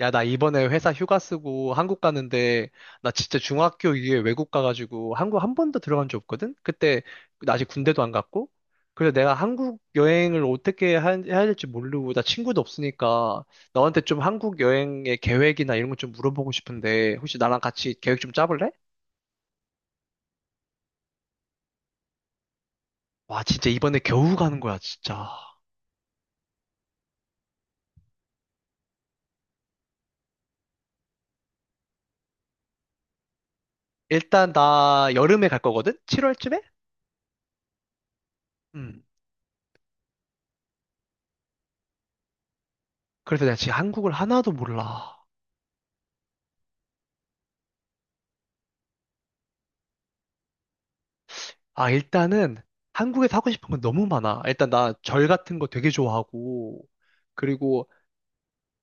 야, 나 이번에 회사 휴가 쓰고 한국 가는데, 나 진짜 중학교 이후에 외국 가가지고 한국 한 번도 들어간 적 없거든? 그때, 나 아직 군대도 안 갔고? 그래서 내가 한국 여행을 어떻게 해야 될지 모르고, 나 친구도 없으니까, 너한테 좀 한국 여행의 계획이나 이런 거 좀 물어보고 싶은데, 혹시 나랑 같이 계획 좀 짜볼래? 와, 진짜 이번에 겨우 가는 거야, 진짜. 일단 나 여름에 갈 거거든? 7월쯤에? 음. 그래서 내가 지금 한국을 하나도 몰라. 아, 일단은 한국에서 하고 싶은 건 너무 많아. 일단 나 절 같은 거 되게 좋아하고, 그리고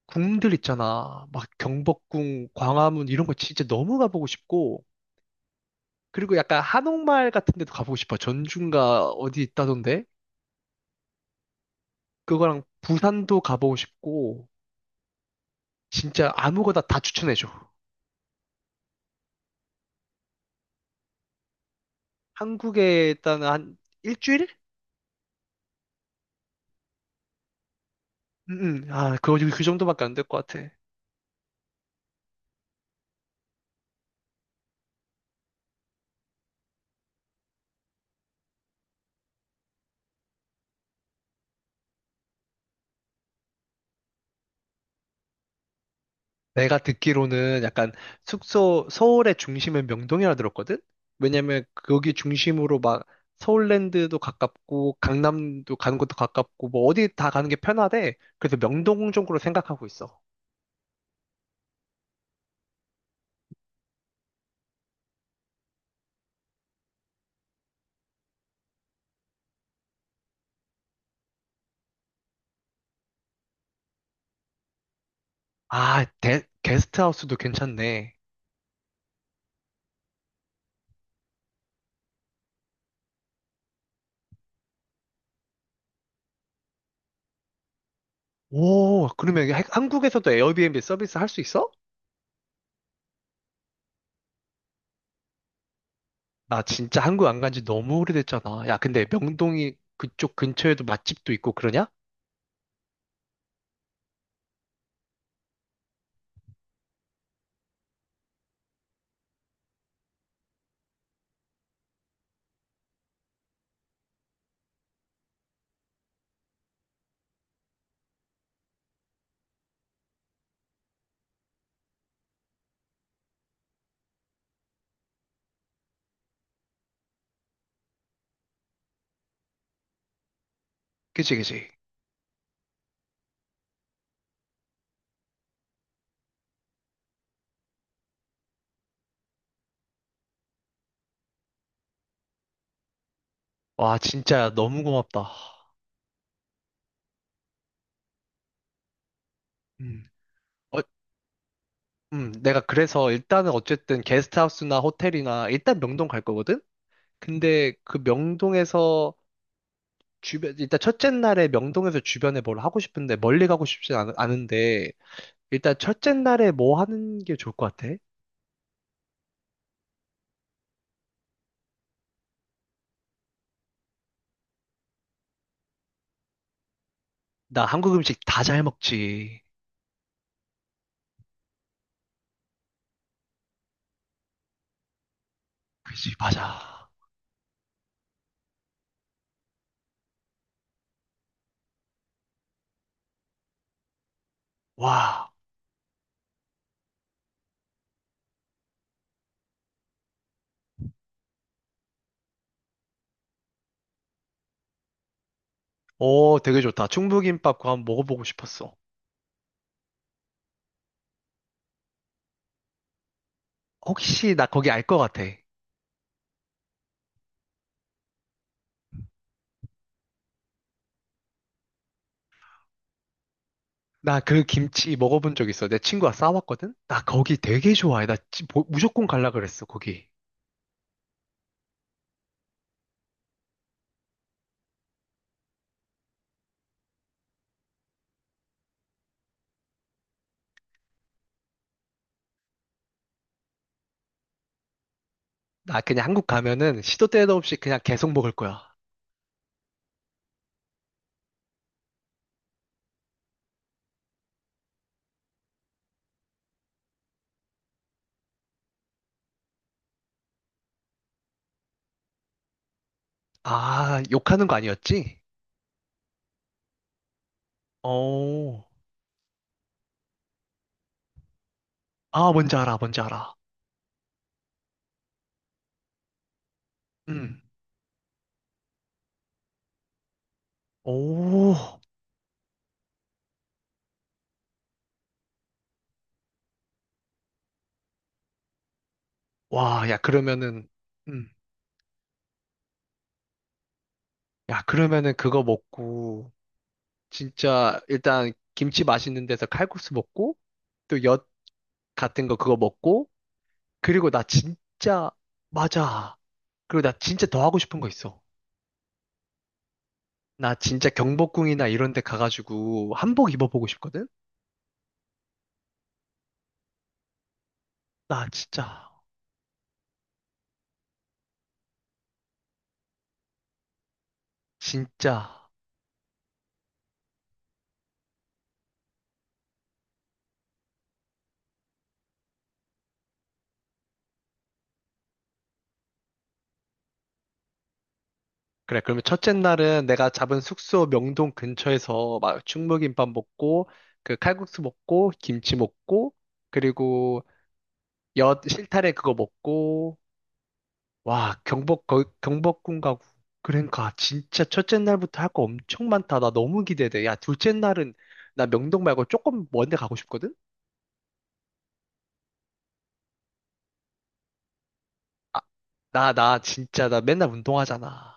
궁들 있잖아. 막 경복궁, 광화문 이런 거 진짜 너무 가보고 싶고, 그리고 약간 한옥마을 같은 데도 가보고 싶어. 전주인가 어디 있다던데? 그거랑 부산도 가보고 싶고, 진짜 아무거나 다 추천해줘. 한국에 일단 한 일주일? 응, 응. 아, 그 정도밖에 안 될 것 같아. 내가 듣기로는 약간 숙소, 서울의 중심은 명동이라 들었거든? 왜냐면 거기 중심으로 막 서울랜드도 가깝고 강남도 가는 것도 가깝고 뭐 어디 다 가는 게 편하대. 그래서 명동 쪽으로 생각하고 있어. 아, 게스트하우스도 괜찮네. 오, 그러면 이게 한국에서도 에어비앤비 서비스 할 수 있어? 나 진짜 한국 안 간지 너무 오래됐잖아. 야, 근데 명동이 그쪽 근처에도 맛집도 있고 그러냐? 그치, 그치. 와, 진짜 너무 고맙다. 음. 어, 내가 그래서 일단은 어쨌든 게스트하우스나 호텔이나 일단 명동 갈 거거든? 근데 그 명동에서 주변, 일단 첫째 날에 명동에서 주변에 뭘 하고 싶은데 멀리 가고 싶진 않은데 일단 첫째 날에 뭐 하는 게 좋을 것 같아? 나 한국 음식 다 잘 먹지. 그지, 맞아. 와, 오, 되게 좋다. 충무김밥 그거 한번 먹어보고 싶었어. 혹시 나 거기 알 것 같아. 나 그 김치 먹어본 적 있어. 내 친구가 싸왔거든? 나 거기 되게 좋아해. 무조건 갈라 그랬어, 거기. 나 그냥 한국 가면은 시도 때도 없이 그냥 계속 먹을 거야. 아, 욕하는 거 아니었지? 오, 아, 뭔지 알아, 뭔지 알아. 음, 오, 와, 야, 그러면은, 음, 야, 그러면은 그거 먹고, 진짜, 일단 김치 맛있는 데서 칼국수 먹고, 또 엿 같은 거 그거 먹고, 그리고 나 진짜, 맞아. 그리고 나 진짜 더 하고 싶은 거 있어. 나 진짜 경복궁이나 이런 데 가가지고 한복 입어보고 싶거든? 나 진짜, 진짜. 그래, 그러면 첫째 날은 내가 잡은 숙소 명동 근처에서 막 충무김밥 먹고, 그 칼국수 먹고, 김치 먹고, 그리고 엿 실타래 그거 먹고, 와, 경복궁 가고. 그러니까 진짜 첫째 날부터 할 거 엄청 많다. 나 너무 기대돼. 야, 둘째 날은 나 명동 말고 조금 먼데 가고 싶거든? 아, 나 진짜 나 맨날 운동하잖아.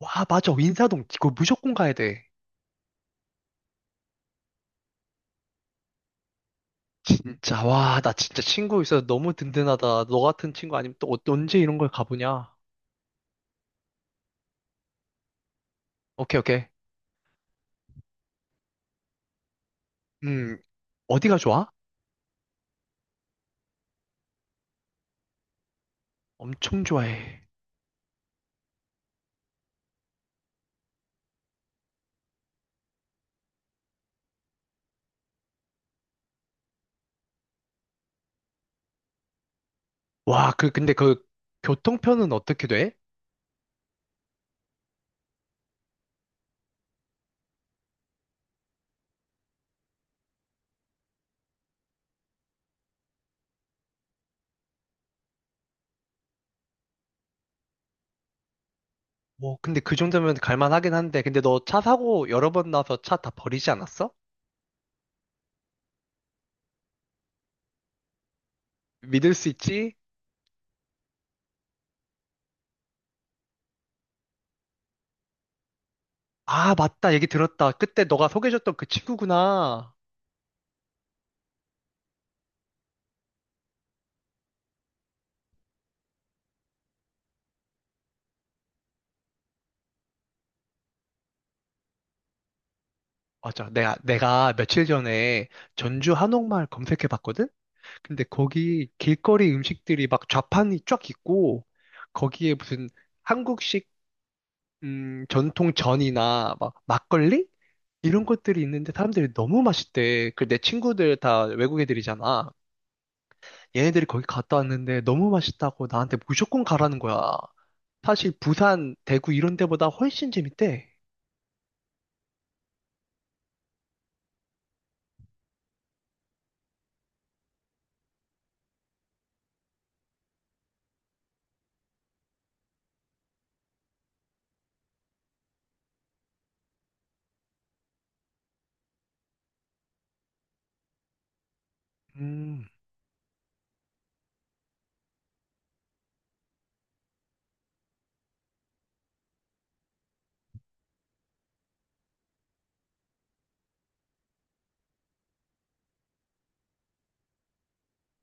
와, 맞아. 인사동. 이거 무조건 가야 돼. 진짜, 와, 나 진짜 친구 있어서 너무 든든하다. 너 같은 친구 아니면 또 언제 이런 걸 가보냐? 오케이, 오케이. 음, 어디가 좋아? 엄청 좋아해. 와, 근데 교통편은 어떻게 돼? 뭐, 근데 그 정도면 갈만하긴 한데, 근데 너 차 사고 여러 번 나서 차 다 버리지 않았어? 믿을 수 있지? 아, 맞다. 얘기 들었다. 그때 너가 소개해줬던 그 친구구나. 맞아. 내가 며칠 전에 전주 한옥마을 검색해봤거든? 근데 거기 길거리 음식들이 막 좌판이 쫙 있고 거기에 무슨 한국식 전통 전이나 막 막걸리 이런 것들이 있는데 사람들이 너무 맛있대. 그 내 친구들 다 외국 애들이잖아. 얘네들이 거기 갔다 왔는데 너무 맛있다고 나한테 무조건 가라는 거야. 사실 부산, 대구 이런 데보다 훨씬 재밌대. 음.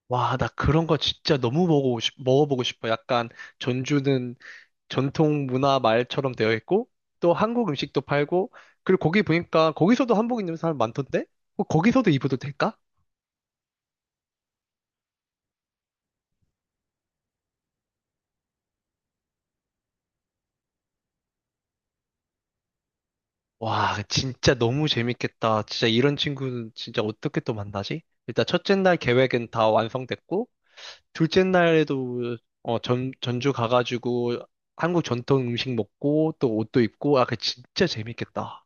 와, 나 그런 거 진짜 너무 먹어보고 싶어. 약간 전주는 전통 문화 말처럼 되어 있고 또 한국 음식도 팔고 그리고 거기 보니까 거기서도 한복 입는 사람 많던데? 어, 거기서도 입어도 될까? 와, 진짜 너무 재밌겠다. 진짜 이런 친구는 진짜 어떻게 또 만나지? 일단 첫째 날 계획은 다 완성됐고 둘째 날에도 어, 전주 가가지고 한국 전통 음식 먹고 또 옷도 입고 아, 그 진짜 재밌겠다.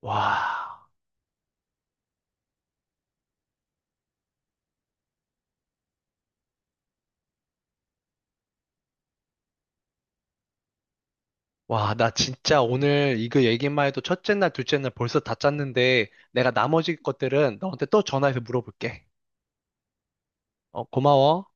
와. 와, 나 진짜 오늘 이거 얘기만 해도 첫째 날, 둘째 날 벌써 다 짰는데 내가 나머지 것들은 너한테 또 전화해서 물어볼게. 어, 고마워.